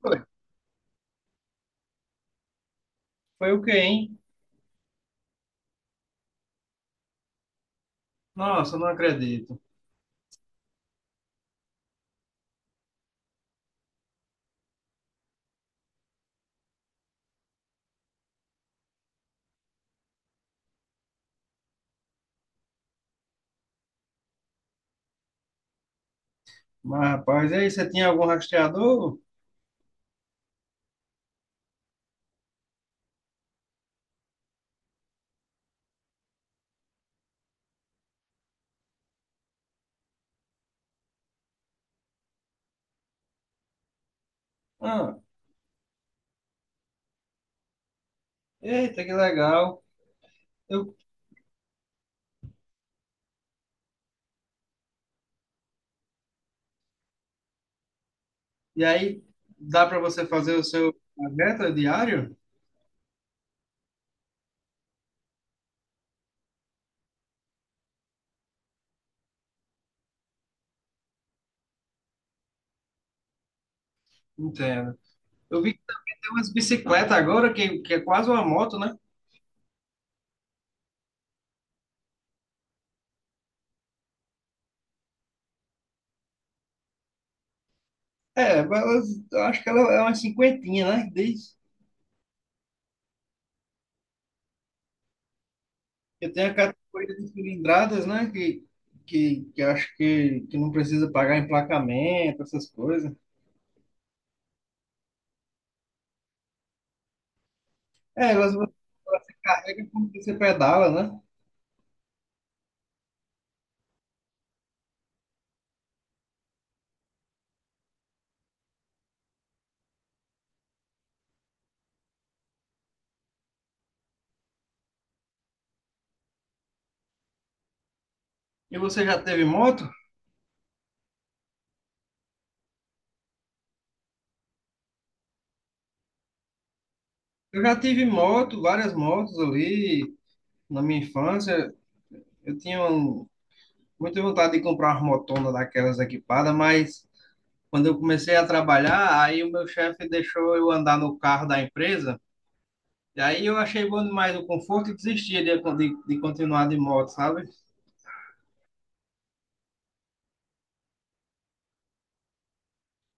Foi Foi o quê, hein? Nossa, não acredito. Mas, rapaz, e aí, você tinha algum rastreador? Ah, eita, que legal. Eu, e aí, dá para você fazer o seu meta diário? Entendo. Eu vi que tem umas bicicletas agora, que é quase uma moto, né? É, mas elas- eu acho que ela é uma cinquentinha, né? Diz. Eu tenho a categoria de cilindradas, né? Que acho que não precisa pagar emplacamento, essas coisas. É, elas se como você pedala, né? E você já teve moto? Eu já tive moto, várias motos ali na minha infância. Eu tinha um- muita vontade de comprar uma motona daquelas equipadas, mas quando eu comecei a trabalhar, aí o meu chefe deixou eu andar no carro da empresa. E aí eu achei bom demais o conforto e desisti de continuar de moto, sabe?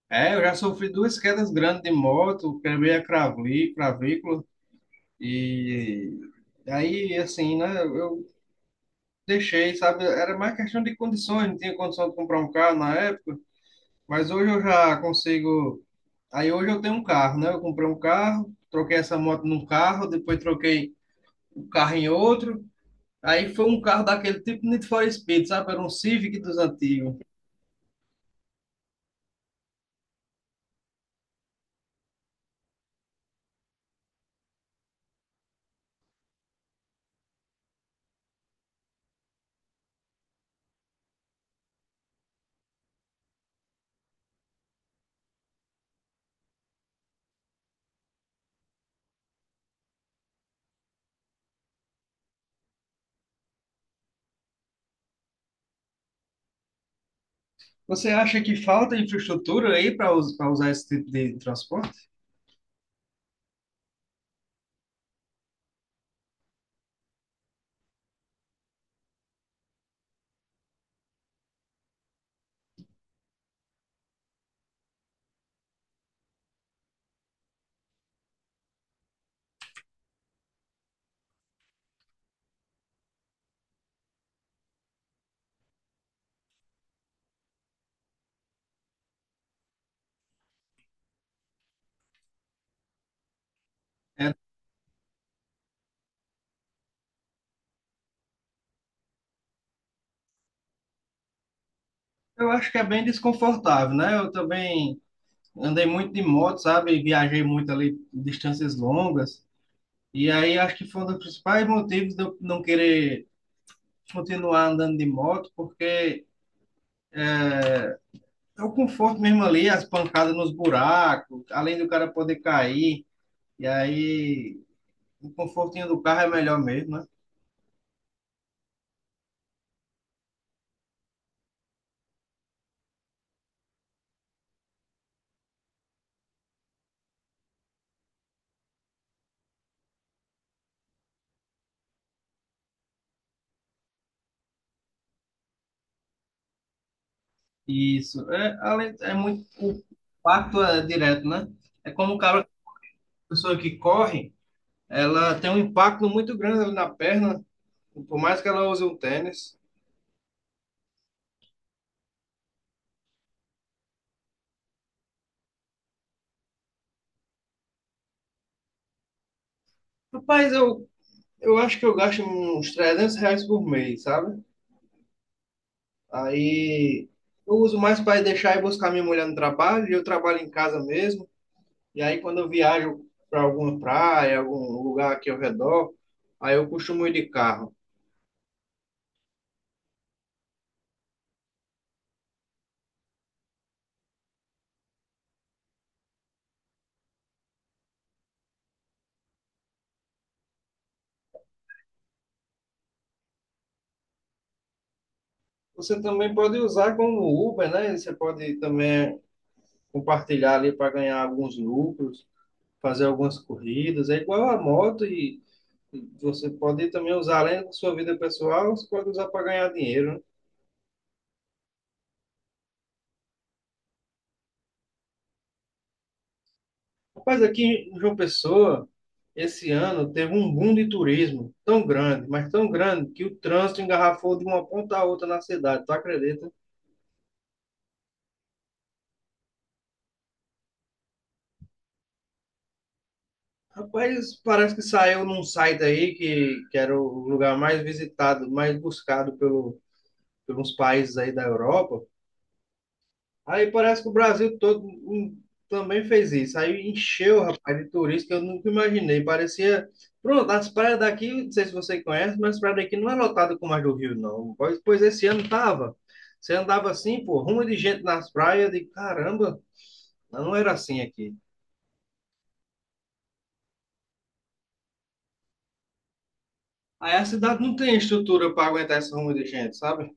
É, eu já sofri duas quedas grandes de moto, quebrei a craví- clavícula e aí, assim, né? Eu deixei, sabe? Era mais questão de condições, não tinha condição de comprar um carro na época, mas hoje eu já consigo. Aí hoje eu tenho um carro, né? Eu comprei um carro, troquei essa moto num carro, depois troquei o carro em outro. Aí foi um carro daquele tipo Need for Speed, sabe? Era um Civic dos antigos. Você acha que falta infraestrutura aí para usar esse tipo de transporte? É, eu acho que é bem desconfortável, né? Eu também andei muito de moto, sabe? Viajei muito ali distâncias longas. E aí acho que foi um dos principais motivos de eu não querer continuar andando de moto, porque é o conforto mesmo ali, as pancadas nos buracos, além do cara poder cair, e aí o confortinho do carro é melhor mesmo, né? Isso. É, além, é muito, o impacto é direto, né? É como o cara, a pessoa que corre, ela tem um impacto muito grande ali na perna, por mais que ela use um tênis. Rapaz, eu acho que eu gasto uns R$ 300 por mês, sabe? Aí eu uso mais para deixar e buscar minha mulher no trabalho, e eu trabalho em casa mesmo. E aí quando eu viajo para alguma praia, algum lugar aqui ao redor, aí eu costumo ir de carro. Você também pode usar como Uber, né? Você pode também compartilhar ali para ganhar alguns lucros, fazer algumas corridas. É igual a moto e você pode também usar além da sua vida pessoal, você pode usar para ganhar dinheiro, né? Rapaz, aqui em João Pessoa, esse ano teve um boom de turismo tão grande, mas tão grande, que o trânsito engarrafou de uma ponta a outra na cidade, tu acredita? Rapaz, parece que saiu num site aí que era o lugar mais visitado, mais buscado pelo, pelos países aí da Europa. Aí parece que o Brasil todo também fez isso. Aí encheu, rapaz, de turista que eu nunca imaginei. Parecia. Pronto, as praias daqui, não sei se você conhece, mas as praias daqui não é lotada como as do Rio, não. Pois esse ano tava. Você andava assim, pô, rumo de gente nas praias, de caramba, não era assim aqui. Aí a cidade não tem estrutura para aguentar esse rumo de gente, sabe?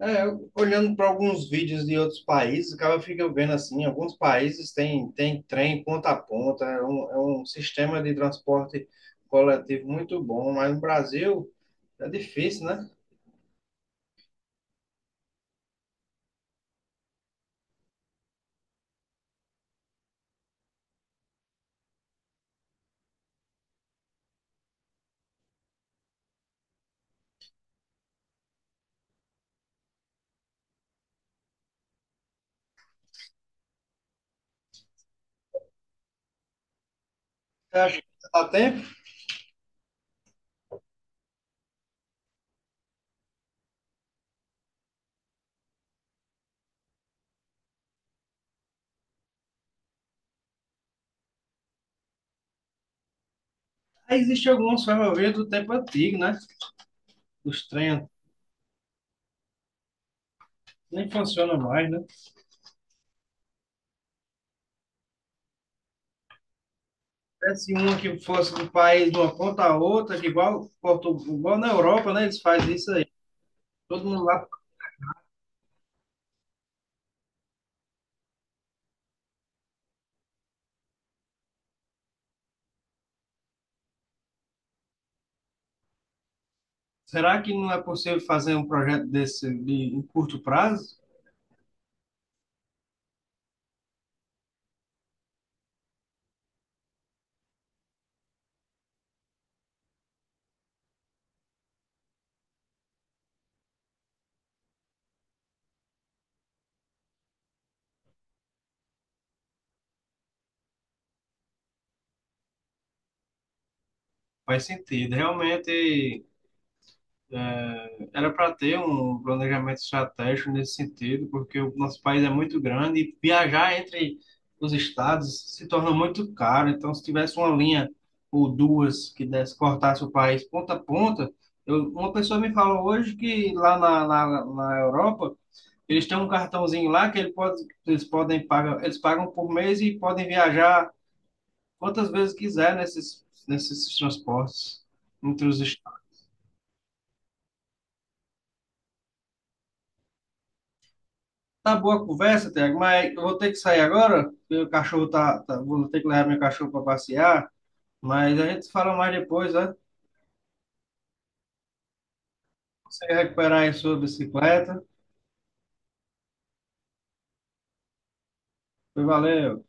É, eu- olhando para alguns vídeos de outros países, acaba fica vendo assim, alguns países têm tem trem ponta a ponta, é um sistema de transporte coletivo muito bom, mas no Brasil é difícil, né? Eu acho que dá tempo. Aí existem algumas ferrovias do tempo antigo, né? Os trens nem funcionam mais, né? Se uma que fosse do país de uma ponta a outra, que igual, Porto- igual na Europa, né? Eles fazem isso aí. Todo mundo lá. Será que não é possível fazer um projeto desse de, em curto prazo? Faz sentido. Realmente era para ter um planejamento estratégico nesse sentido, porque o nosso país é muito grande e viajar entre os estados se torna muito caro. Então, se tivesse uma linha ou duas que desse, cortasse o país ponta a ponta, eu, uma pessoa me falou hoje que lá na Europa eles têm um cartãozinho lá que ele pode, eles podem pagar, eles pagam por mês e podem viajar quantas vezes quiser nesses transportes entre os Tá boa a conversa, Tiago, mas eu vou ter que sair agora, porque o cachorro tá, tá- Vou ter que levar meu cachorro para passear, mas a gente fala mais depois, né? Você recuperar aí sua bicicleta. Valeu.